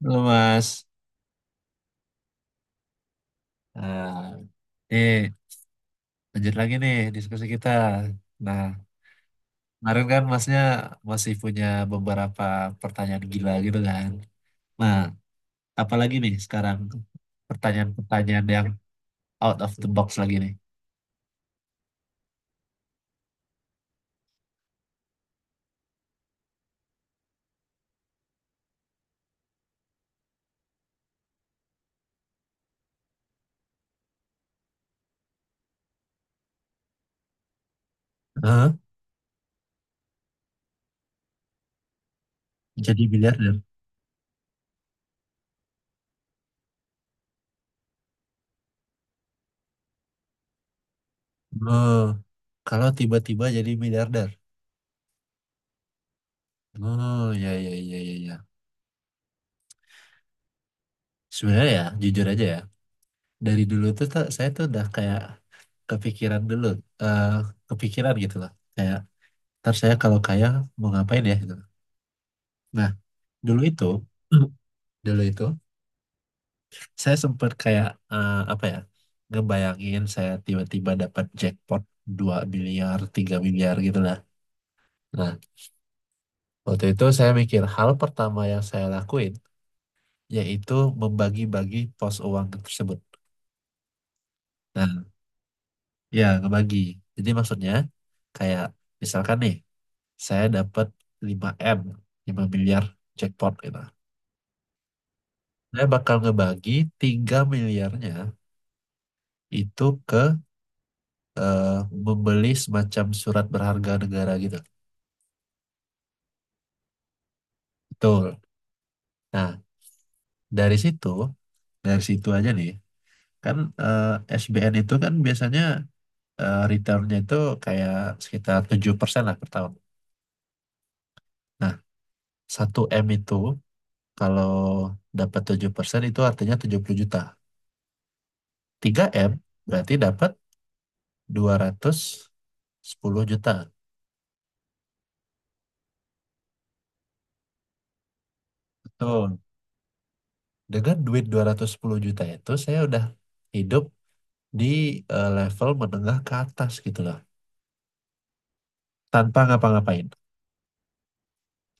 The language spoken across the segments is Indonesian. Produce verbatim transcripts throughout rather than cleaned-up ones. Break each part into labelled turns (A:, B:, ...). A: Halo Mas. Nah, nih lanjut lagi nih diskusi kita. Nah, kemarin kan Masnya masih punya beberapa pertanyaan gila gitu kan. Nah, apalagi nih sekarang pertanyaan-pertanyaan yang out of the box lagi nih. Hah? Jadi miliarder. Oh, kalau tiba-tiba jadi miliarder. Oh, ya ya ya ya ya. Sebenarnya ya, jujur aja ya. Dari dulu tuh, tuh saya tuh udah kayak kepikiran dulu, eh kepikiran gitu loh. Kayak ntar saya kalau kaya mau ngapain ya gitu. Nah, dulu itu, dulu itu saya sempat kayak eh, apa ya, ngebayangin saya tiba-tiba dapat jackpot dua miliar, tiga miliar gitu lah. Nah, waktu itu saya mikir hal pertama yang saya lakuin yaitu membagi-bagi pos uang tersebut. Nah, ya ngebagi. Jadi maksudnya kayak misalkan nih, saya dapat lima m lima miliar jackpot gitu. Saya bakal ngebagi tiga miliarnya itu ke eh, membeli semacam surat berharga negara gitu. Betul. Nah, dari situ, dari situ aja nih, kan eh, S B N itu kan biasanya eh, returnnya itu kayak sekitar tujuh persen lah per tahun. Nah, satu em itu kalau dapat tujuh persen itu artinya tujuh puluh juta. tiga em berarti dapat dua ratus sepuluh juta. Betul. Dengan duit dua ratus sepuluh juta itu saya udah hidup di eh, level menengah ke atas gitu lah tanpa ngapa-ngapain,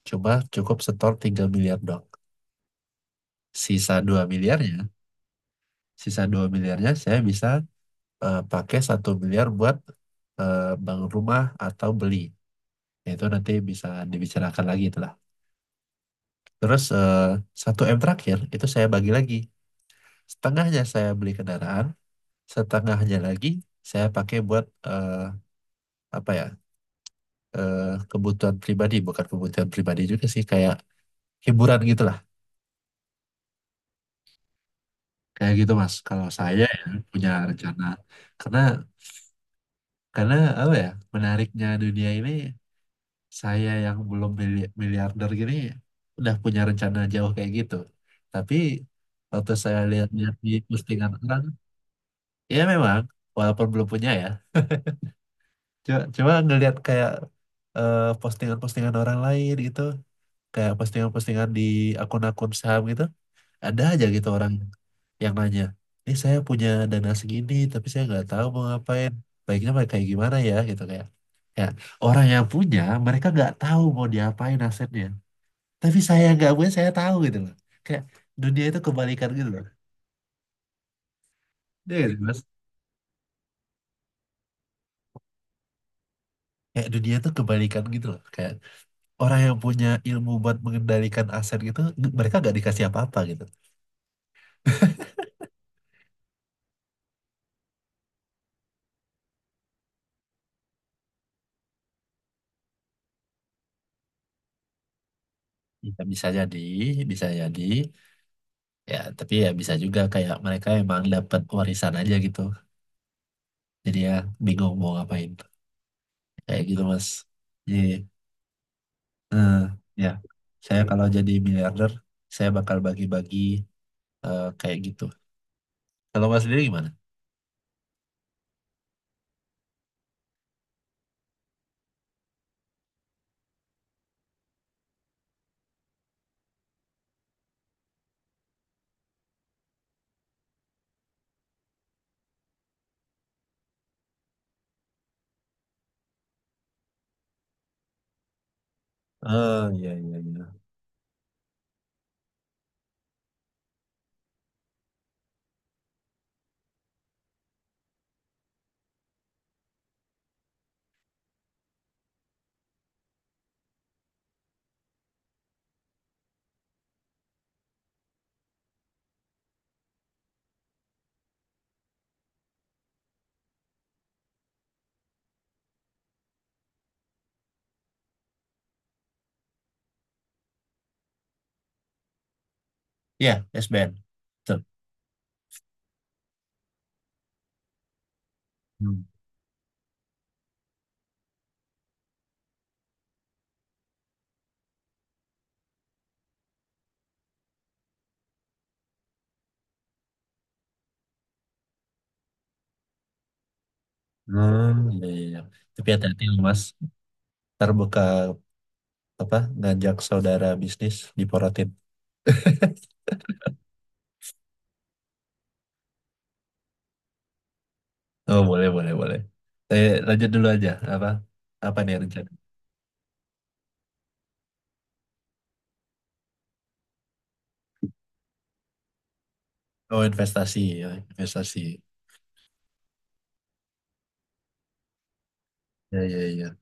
A: cuma cukup setor tiga miliar dong. Sisa dua miliarnya, sisa dua miliarnya saya bisa eh, pakai satu miliar buat eh, bangun rumah atau beli, itu nanti bisa dibicarakan lagi itulah. Terus eh, satu M terakhir itu saya bagi lagi, setengahnya saya beli kendaraan, setengahnya lagi saya pakai buat eh, apa ya eh, kebutuhan pribadi, bukan kebutuhan pribadi juga sih, kayak hiburan gitu lah. Kayak gitu Mas. Kalau saya ya punya rencana, karena karena apa ya, menariknya dunia ini, saya yang belum mili- miliarder gini udah punya rencana jauh kayak gitu. Tapi waktu saya lihat-lihat di postingan orang, ya memang walaupun belum punya ya, cuma, cuma ngelihat kayak eh, postingan-postingan orang lain gitu, kayak postingan-postingan di akun-akun saham gitu, ada aja gitu orang yang nanya, ini saya punya dana segini tapi saya nggak tahu mau ngapain, baiknya pakai kayak gimana ya gitu, kayak ya orang yang punya, mereka nggak tahu mau diapain asetnya, tapi saya yang nggak punya saya tahu gitu loh. Kayak dunia itu kebalikan gitu loh. Iya nggak sih, Mas? Kayak dunia itu kebalikan gitu loh, kayak orang yang punya ilmu buat mengendalikan aset gitu, mereka nggak dikasih apa-apa gitu. Ya, bisa jadi bisa jadi ya, tapi ya bisa juga kayak mereka emang dapat warisan aja gitu. Jadi ya bingung mau ngapain. Kayak gitu mas. Jadi eh, ya saya kalau jadi miliarder, saya bakal bagi-bagi eh, kayak gitu. Kalau mas sendiri gimana? Oh iya, iya, iya. Ya S B N. Betul. Hmm. Hmm, iya, iya, iya. Tapi hati-hati loh, mas. Ntar buka apa ngajak saudara bisnis diporotin. Oh boleh boleh boleh. Eh, lanjut dulu aja apa apa nih rencana? Oh investasi ya investasi. Ya ya ya.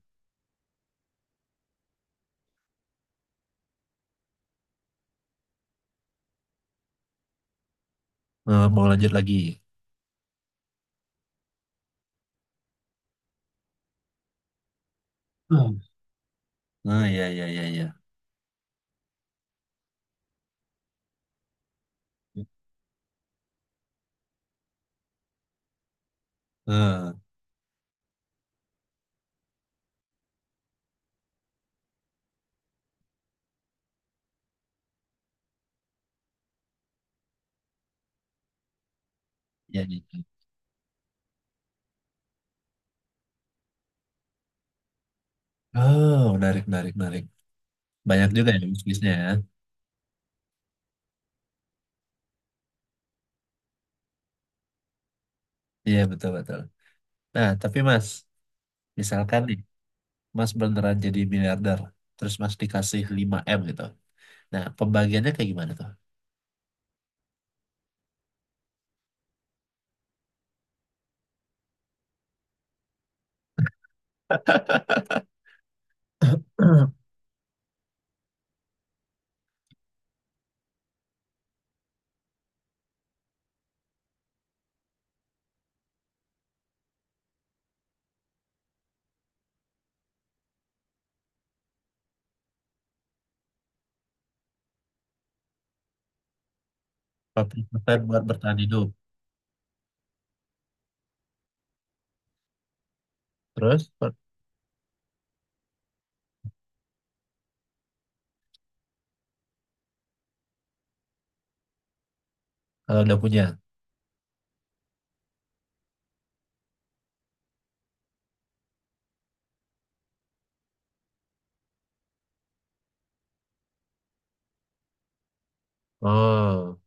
A: Eh, mau lanjut lagi. Ah, iya, iya, iya, iya. Ah, iya, iya. Iya. Oh, menarik, menarik, menarik. Banyak juga ya bisnisnya ya. Iya, betul, betul. Nah, tapi Mas, misalkan nih, Mas beneran jadi miliarder, terus Mas dikasih lima em gitu. Nah, pembagiannya kayak gimana tuh? empat puluh persen buat bertahan hidup. Terus, per- kalau udah punya. Oh,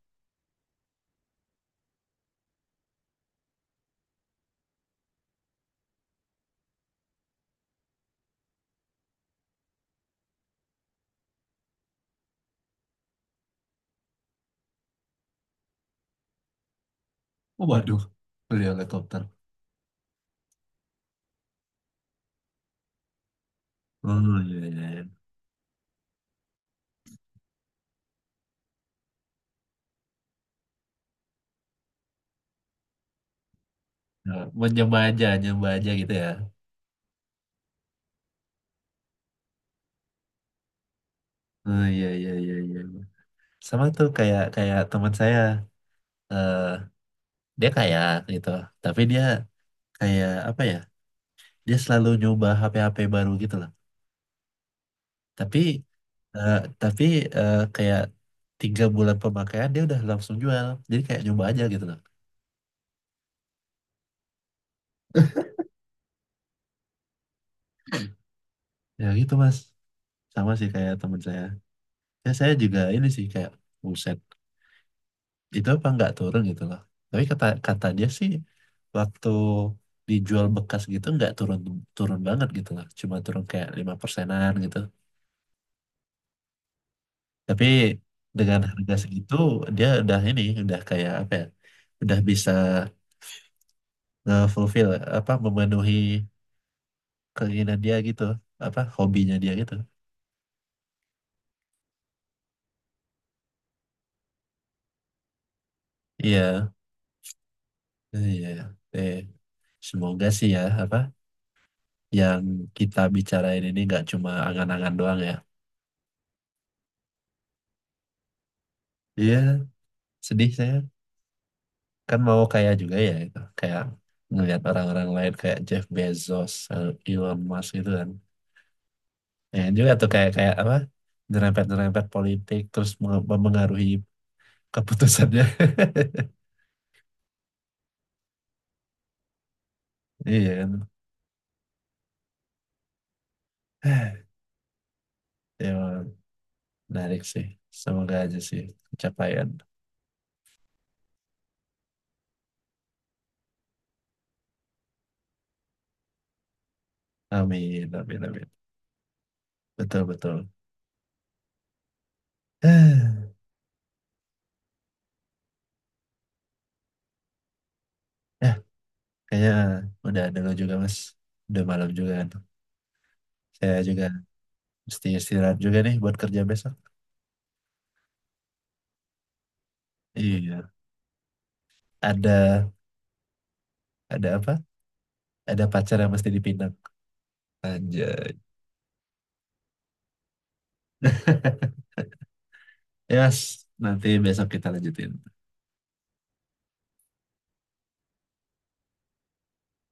A: oh, waduh. Beli helikopter. Oh, iya, iya, iya. Nah, mencoba aja, nyoba aja gitu ya. Oh, iya, iya, iya, iya. Sama tuh kayak kayak teman saya. eh Dia kaya gitu, tapi dia kayak apa ya, dia selalu nyoba H P-H P baru gitu loh. Tapi eh, tapi eh, kayak tiga bulan pemakaian dia udah langsung jual, jadi kayak nyoba aja gitu loh. Ya gitu mas, sama sih kayak temen saya, ya saya juga ini sih kayak buset, itu apa nggak turun gitu loh. Tapi kata kata dia sih, waktu dijual bekas gitu nggak turun, turun banget gitu loh, cuma turun kayak lima persenan gitu. Tapi dengan harga segitu dia udah ini udah kayak apa ya? Udah bisa nge-fulfill, apa memenuhi keinginan dia gitu, apa hobinya dia gitu. Iya, iya. Iya. Eh, Semoga sih ya apa yang kita bicarain ini nggak cuma angan-angan doang ya. Iya, sedih saya kan mau kaya juga ya itu. Kayak ngelihat orang-orang lain kayak Jeff Bezos, Elon Musk gitu kan. Ya juga tuh kayak kayak apa, nyerempet-nyerempet politik terus menge- mempengaruhi keputusannya. Iya kan. Ya, menarik sih. Semoga aja sih pencapaian. Amin, amin, amin. Betul, betul. Ya, kayaknya udah dulu juga Mas. Udah malam juga kan. Saya juga mesti istirahat juga nih buat kerja besok. Iya. Ada ada apa? Ada pacar yang mesti dipinang. Anjay. yes. Nanti besok kita lanjutin.